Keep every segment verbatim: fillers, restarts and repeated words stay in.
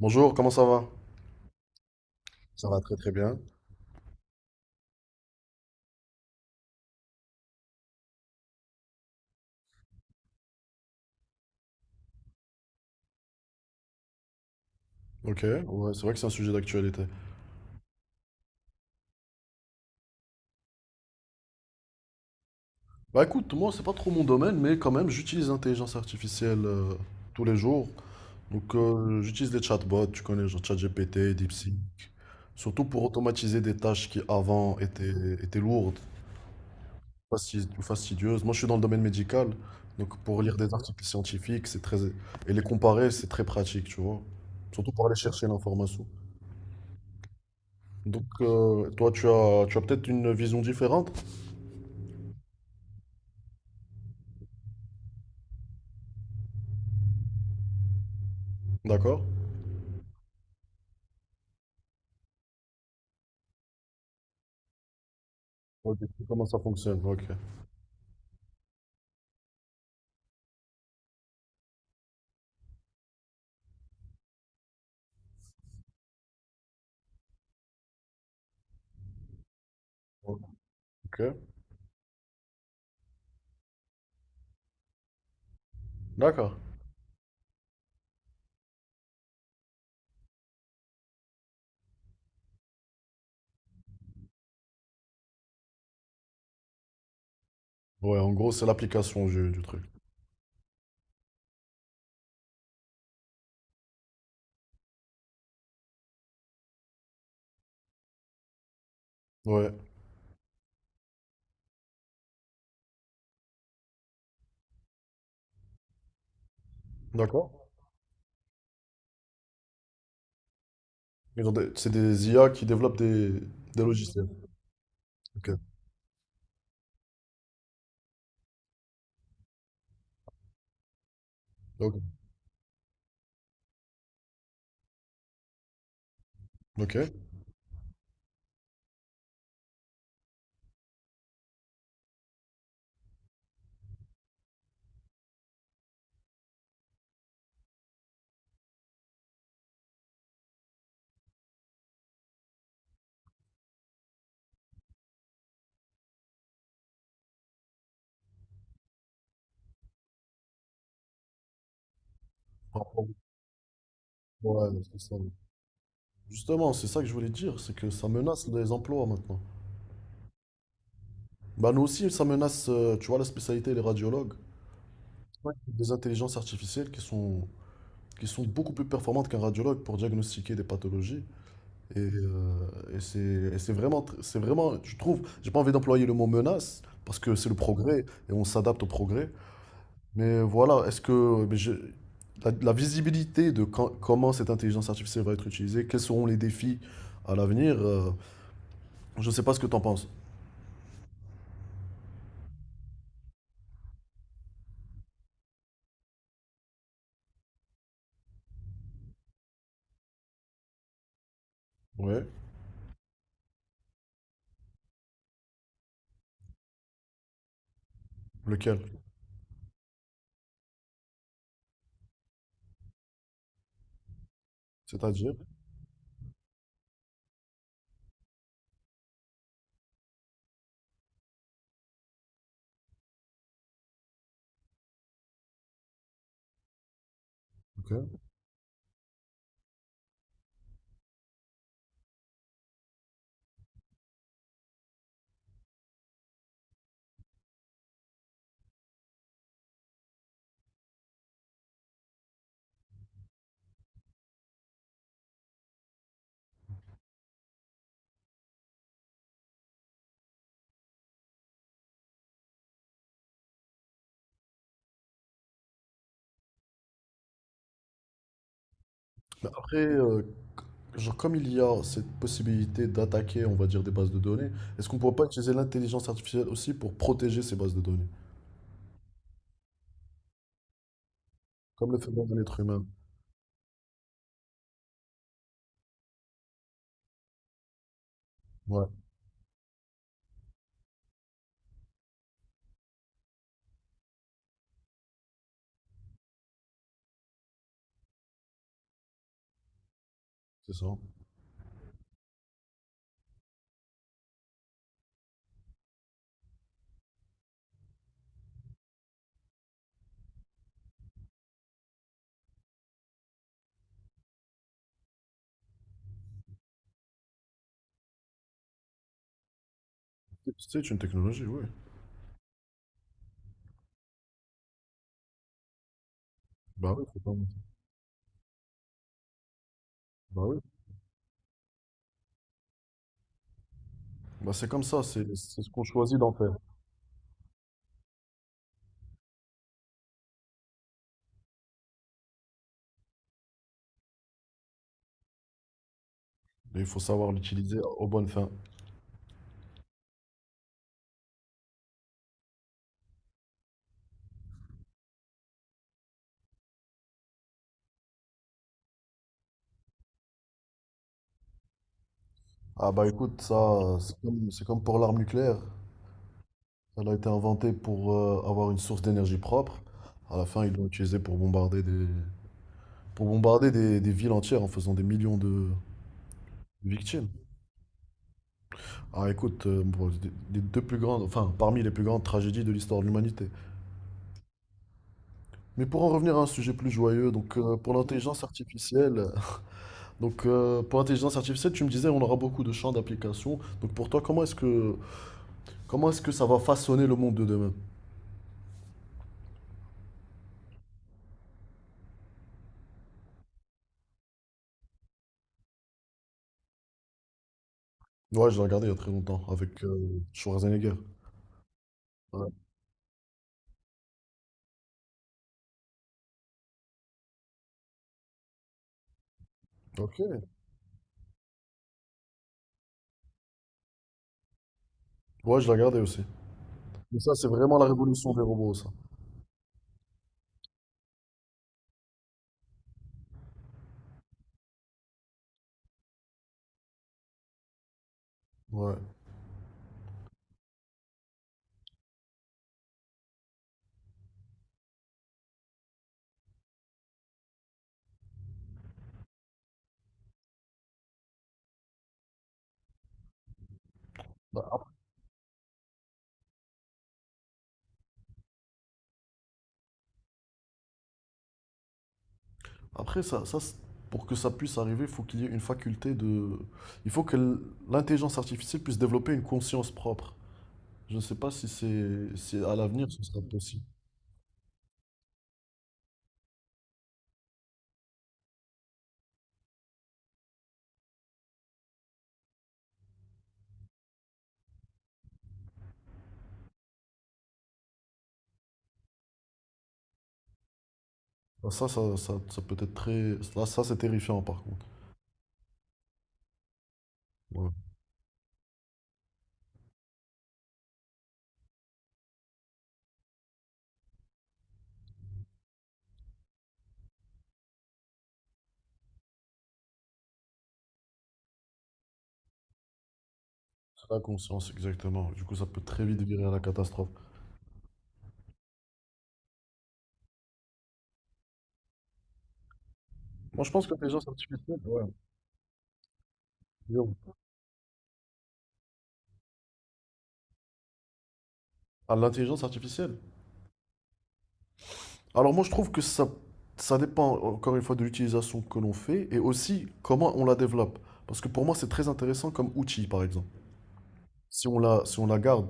Bonjour, comment ça va? Ça va très très bien. Ok, ouais, c'est vrai que c'est un sujet d'actualité. Bah écoute, moi c'est pas trop mon domaine, mais quand même j'utilise l'intelligence artificielle euh, tous les jours. Donc euh, j'utilise les chatbots, tu connais, genre ChatGPT, DeepSeek, surtout pour automatiser des tâches qui avant étaient, étaient lourdes fasti- fastidieuses. Moi je suis dans le domaine médical, donc pour lire des articles scientifiques, c'est très... et les comparer, c'est très pratique, tu vois. Surtout pour aller chercher l'information. Donc euh, toi tu as, tu as peut-être une vision différente? D'accord. Ok, c'est comment ça fonctionne. Ok. Ok. D'accord. Ouais, en gros, c'est l'application du, du truc. Ouais. D'accord. Ils ont des- C'est des I A qui développent des, des logiciels. Ok. Ok. Ok. Par rapport- Ouais, c'est ça. Justement, c'est ça que je voulais dire, c'est que ça menace les emplois maintenant. Bah nous aussi, ça menace, euh, tu vois, la spécialité, les radiologues. Ouais. Des intelligences artificielles qui sont, qui sont beaucoup plus performantes qu'un radiologue pour diagnostiquer des pathologies. Et, euh, et c'est et c'est vraiment, tr- c'est vraiment, je trouve, j'ai pas envie d'employer le mot menace parce que c'est le progrès et on s'adapte au progrès. Mais voilà, est-ce que mais je- la, la visibilité de quand- comment cette intelligence artificielle va être utilisée, quels seront les défis à l'avenir, euh, je sais pas ce que tu en penses. Ouais, lequel? C'est-à-dire? Ok. Après, euh, genre, comme il y a cette possibilité d'attaquer, on va dire, des bases de données, est-ce qu'on pourrait pas utiliser l'intelligence artificielle aussi pour protéger ces bases de données, comme le fait bien l'être humain? Ouais. C'est ça. C'est une technologie, oui. Bah oui, faut pas- Bah oui. Bah c'est comme ça, c'est c'est ce qu'on choisit d'en faire. Et il faut savoir l'utiliser aux bonnes fins. Ah bah écoute, ça, c'est comme, c'est comme pour l'arme nucléaire. Elle a été inventée pour euh, avoir une source d'énergie propre. À la fin, ils l'ont utilisée pour bombarder des, pour bombarder des, des villes entières en faisant des millions de victimes. Ah écoute, euh, bon, c'est des- les deux plus grandes, enfin parmi les plus grandes tragédies de l'histoire de l'humanité. Mais pour en revenir à un sujet plus joyeux, donc euh, pour l'intelligence artificielle. Donc euh, pour l'intelligence artificielle, tu me disais on aura beaucoup de champs d'application. Donc pour toi, comment est-ce que comment est-ce que ça va façonner le monde de demain? Ouais, je l'ai regardé il y a très longtemps avec euh, Schwarzenegger. Ouais. Ok. Ouais, je l'ai regardé aussi. Mais ça, c'est vraiment la révolution des robots, ça. Ouais. Bah, après, ça, ça, c'est- Pour que ça puisse arriver, il faut qu'il y ait une faculté de... Il faut que l- L'intelligence artificielle puisse développer une conscience propre. Je ne sais pas si c'est, si à l'avenir ce sera possible. Ah, Ça, ça, ça, ça peut être très... Là, ça, c'est terrifiant, par contre. Ouais. La conscience, exactement. Du coup, ça peut très vite virer à la catastrophe. Moi, je pense que l'intelligence artificielle, ouais, zéro. À l'intelligence artificielle. Alors, moi, je trouve que ça, ça dépend, encore une fois, de l'utilisation que l'on fait et aussi comment on la développe. Parce que pour moi, c'est très intéressant comme outil, par exemple. Si on la, si on la garde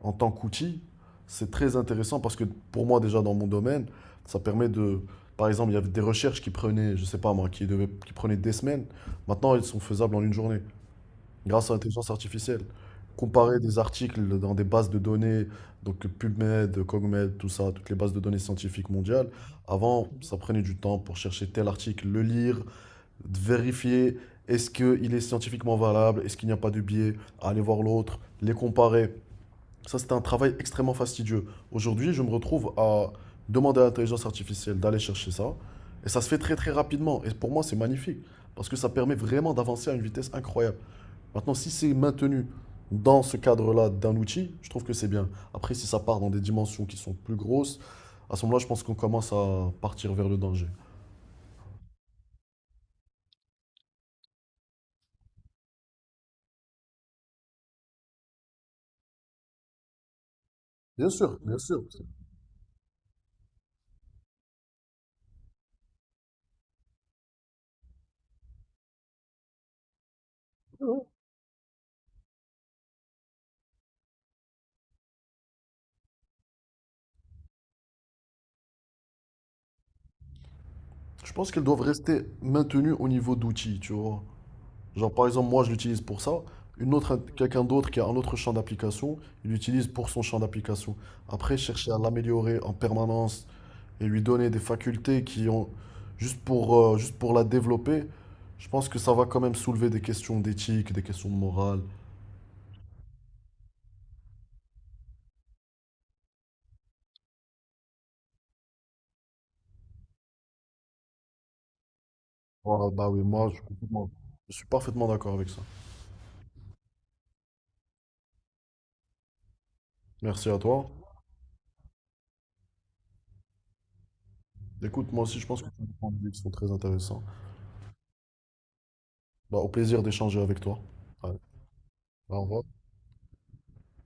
en tant qu'outil, c'est très intéressant parce que pour moi, déjà, dans mon domaine, ça permet de. Par exemple, il y avait des recherches qui prenaient, je sais pas moi, qui devaient- qui prenaient des semaines. Maintenant, elles sont faisables en une journée grâce à l'intelligence artificielle. Comparer des articles dans des bases de données, donc PubMed, CogMed, tout ça, toutes les bases de données scientifiques mondiales. Avant, ça prenait du temps pour chercher tel article, le lire, vérifier est-ce qu'il est scientifiquement valable, est-ce qu'il n'y a pas de biais, aller voir l'autre, les comparer. Ça, c'était un travail extrêmement fastidieux. Aujourd'hui, je me retrouve à demander à l'intelligence artificielle d'aller chercher ça, et ça se fait très très rapidement. Et pour moi, c'est magnifique, parce que ça permet vraiment d'avancer à une vitesse incroyable. Maintenant, si c'est maintenu dans ce cadre-là d'un outil, je trouve que c'est bien. Après, si ça part dans des dimensions qui sont plus grosses, à ce moment-là, je pense qu'on commence à partir vers le danger. Bien sûr, bien sûr. Je pense qu'elles doivent rester maintenues au niveau d'outils, tu vois. Genre, par exemple, moi, je l'utilise pour ça. Une autre, quelqu'un d'autre qui a un autre champ d'application, il l'utilise pour son champ d'application. Après, chercher à l'améliorer en permanence et lui donner des facultés qui ont juste pour, euh, juste pour la développer, je pense que ça va quand même soulever des questions d'éthique, des questions de morale. Voilà, bah oui, moi, je, suis complètement- je suis parfaitement d'accord avec ça. Merci à toi. Écoute, moi aussi, je pense que tu as des points de vue qui sont très intéressants. Bah, au plaisir d'échanger avec toi. Allez, au revoir.